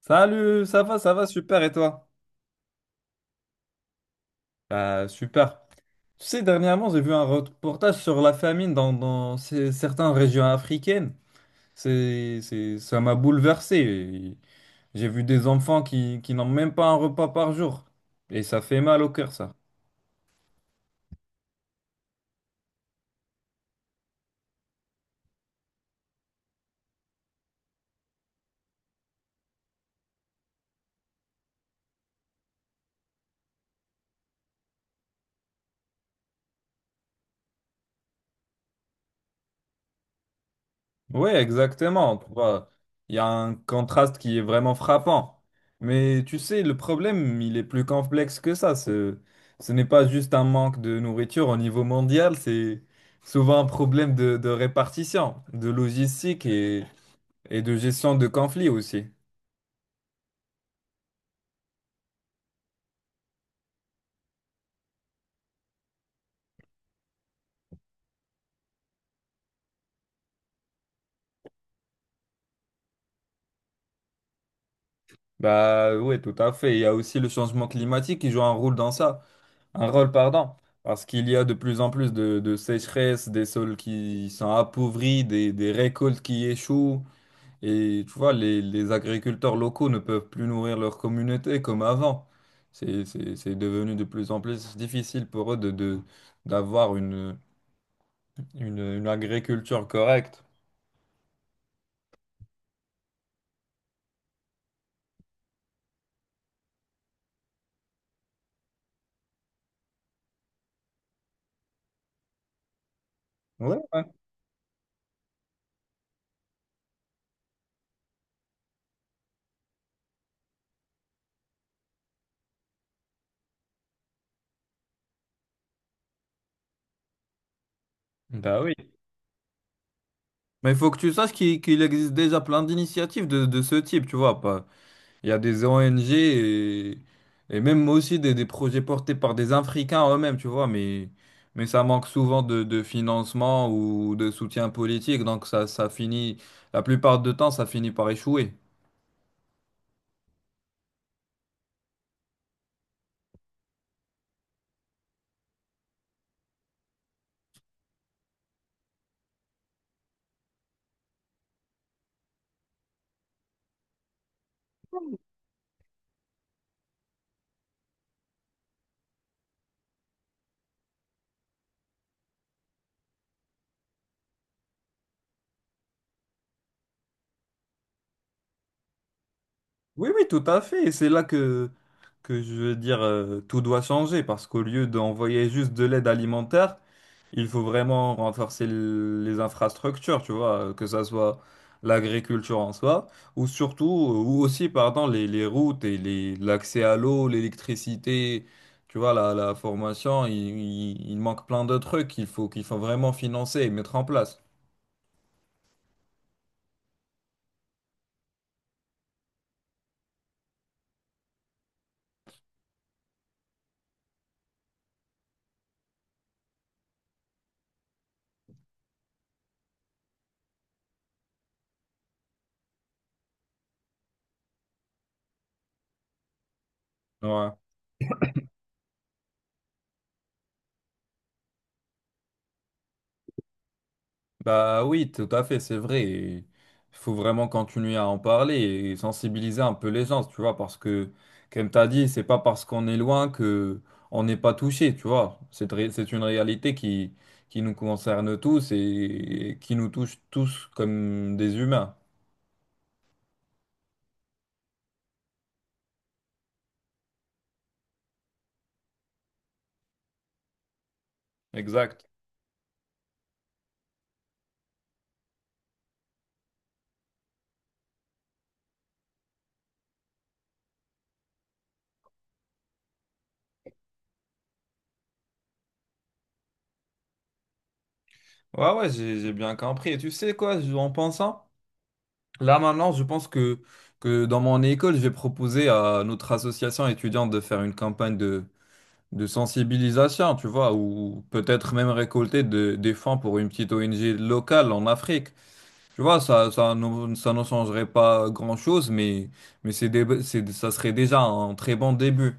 Salut, ça va, super, et toi? Bah, super. Tu sais, dernièrement, j'ai vu un reportage sur la famine dans certaines régions africaines. Ça m'a bouleversé. J'ai vu des enfants qui n'ont même pas un repas par jour. Et ça fait mal au cœur, ça. Oui, exactement. Tu vois, il y a un contraste qui est vraiment frappant. Mais tu sais, le problème, il est plus complexe que ça. Ce n'est pas juste un manque de nourriture au niveau mondial, c'est souvent un problème de répartition, de logistique et de gestion de conflits aussi. Bah oui, tout à fait. Il y a aussi le changement climatique qui joue un rôle dans ça, un rôle, pardon. Parce qu'il y a de plus en plus de sécheresses, des sols qui sont appauvris, des récoltes qui échouent. Et tu vois, les agriculteurs locaux ne peuvent plus nourrir leur communauté comme avant. C'est devenu de plus en plus difficile pour eux de d'avoir une agriculture correcte. Ouais, ouais. Bah oui. Mais il faut que tu saches qu'il existe déjà plein d'initiatives de ce type, tu vois. Il y a des ONG et même aussi des projets portés par des Africains eux-mêmes, tu vois, mais ça manque souvent de financement ou de soutien politique, donc ça finit, la plupart du temps, ça finit par échouer. Oui, oui, tout à fait, et c'est là que je veux dire, tout doit changer, parce qu'au lieu d'envoyer juste de l'aide alimentaire, il faut vraiment renforcer les infrastructures, tu vois, que ça soit l'agriculture en soi, ou surtout, ou aussi, pardon, les routes et les, l'accès à l'eau, l'électricité, tu vois, la formation, il manque plein de trucs qu'il faut vraiment financer et mettre en place. Ouais. Bah oui, tout à fait, c'est vrai. Il faut vraiment continuer à en parler et sensibiliser un peu les gens, tu vois, parce que, comme tu as dit, c'est pas parce qu'on est loin que on n'est pas touché, tu vois. C'est une réalité qui nous concerne tous et qui nous touche tous comme des humains. Exact. Ouais, ouais, j'ai bien compris. Et tu sais quoi, en pensant, là maintenant, je pense que dans mon école, j'ai proposé à notre association étudiante de faire une campagne de sensibilisation, tu vois, ou peut-être même récolter des fonds pour une petite ONG locale en Afrique. Tu vois, ça ne changerait pas grand-chose, mais ça serait déjà un très bon début.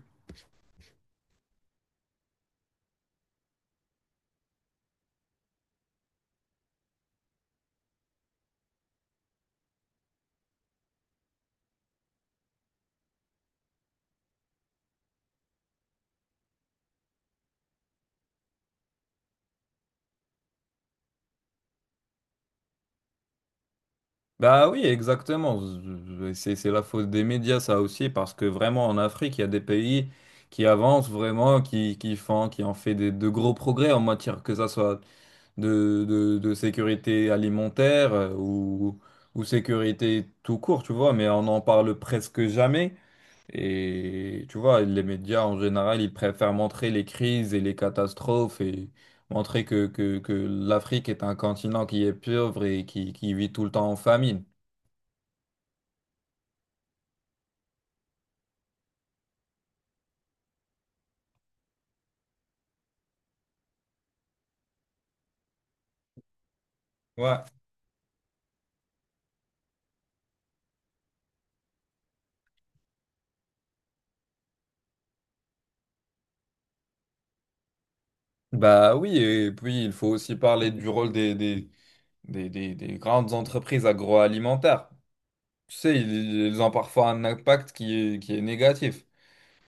Bah oui, exactement. C'est la faute des médias, ça aussi, parce que vraiment en Afrique, il y a des pays qui avancent vraiment, qui ont fait de gros progrès en matière que ça soit de sécurité alimentaire ou sécurité tout court, tu vois, mais on n'en parle presque jamais. Et tu vois, les médias en général, ils préfèrent montrer les crises et les catastrophes et montrer que l'Afrique est un continent qui est pauvre et qui vit tout le temps en famine. Ouais. Bah oui, et puis il faut aussi parler du rôle des grandes entreprises agroalimentaires. Tu sais, ils ont parfois un impact qui est négatif.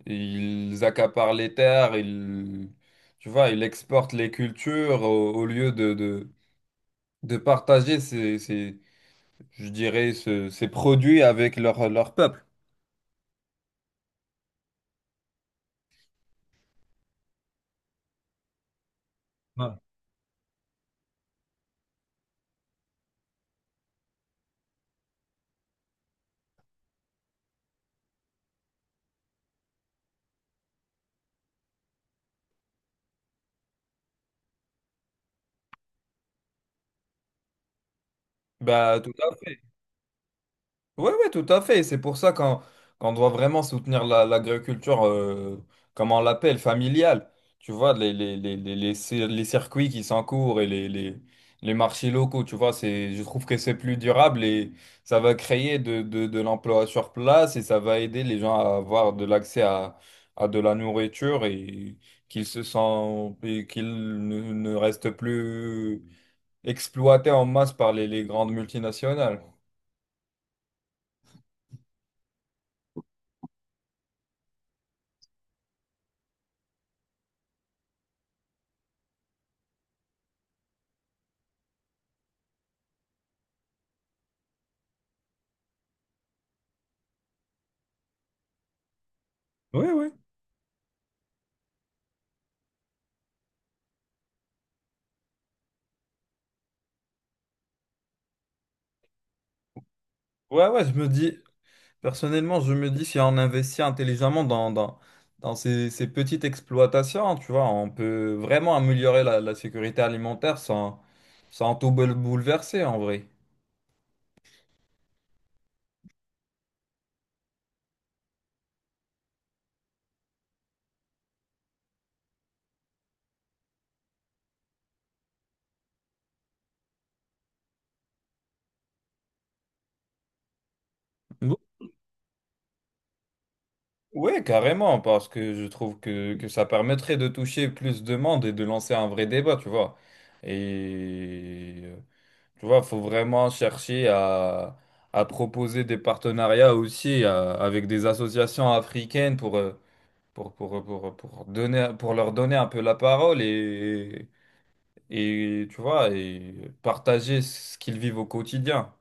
Ils accaparent les terres, ils, tu vois, ils exportent les cultures au lieu de partager je dirais, ces produits avec leur, leur peuple. Ouais. Bah, tout à fait. Oui, oui, tout à fait. C'est pour ça qu'on doit vraiment soutenir l'agriculture, comme on l'appelle, familiale. Tu vois, les circuits qui s'encourent et les marchés locaux, tu vois, c'est, je trouve que c'est plus durable et ça va créer de l'emploi sur place et ça va aider les gens à avoir de l'accès à de la nourriture et qu'ils se sentent, et qu'ils ne restent plus exploités en masse par les grandes multinationales. Oui, oui. Ouais, ouais, je me dis, personnellement, je me dis si on investit intelligemment dans ces petites exploitations, tu vois, on peut vraiment améliorer la sécurité alimentaire sans, bouleverser en vrai. Oui, carrément, parce que je trouve que ça permettrait de toucher plus de monde et de lancer un vrai débat, tu vois. Et tu vois, faut vraiment chercher à proposer des partenariats aussi avec des associations africaines pour, pour leur donner un peu la parole et tu vois, et partager ce qu'ils vivent au quotidien.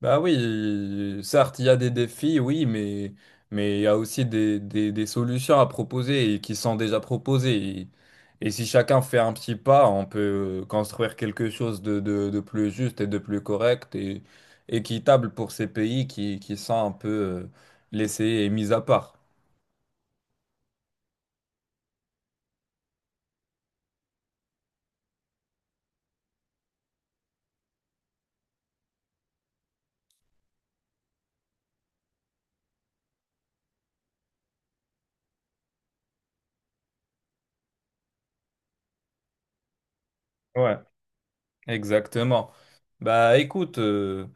Bah oui, certes, il y a des défis, oui, mais il y a aussi des solutions à proposer et qui sont déjà proposées. Et si chacun fait un petit pas, on peut construire quelque chose de plus juste et de plus correct et équitable pour ces pays qui sont un peu laissés et mis à part. Ouais. Exactement. Bah écoute,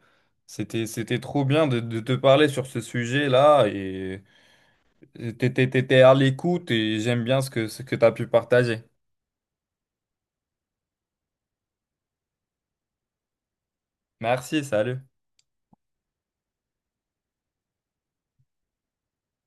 c'était trop bien de te parler sur ce sujet-là et t'étais à l'écoute et j'aime bien ce que t'as pu partager. Merci, salut.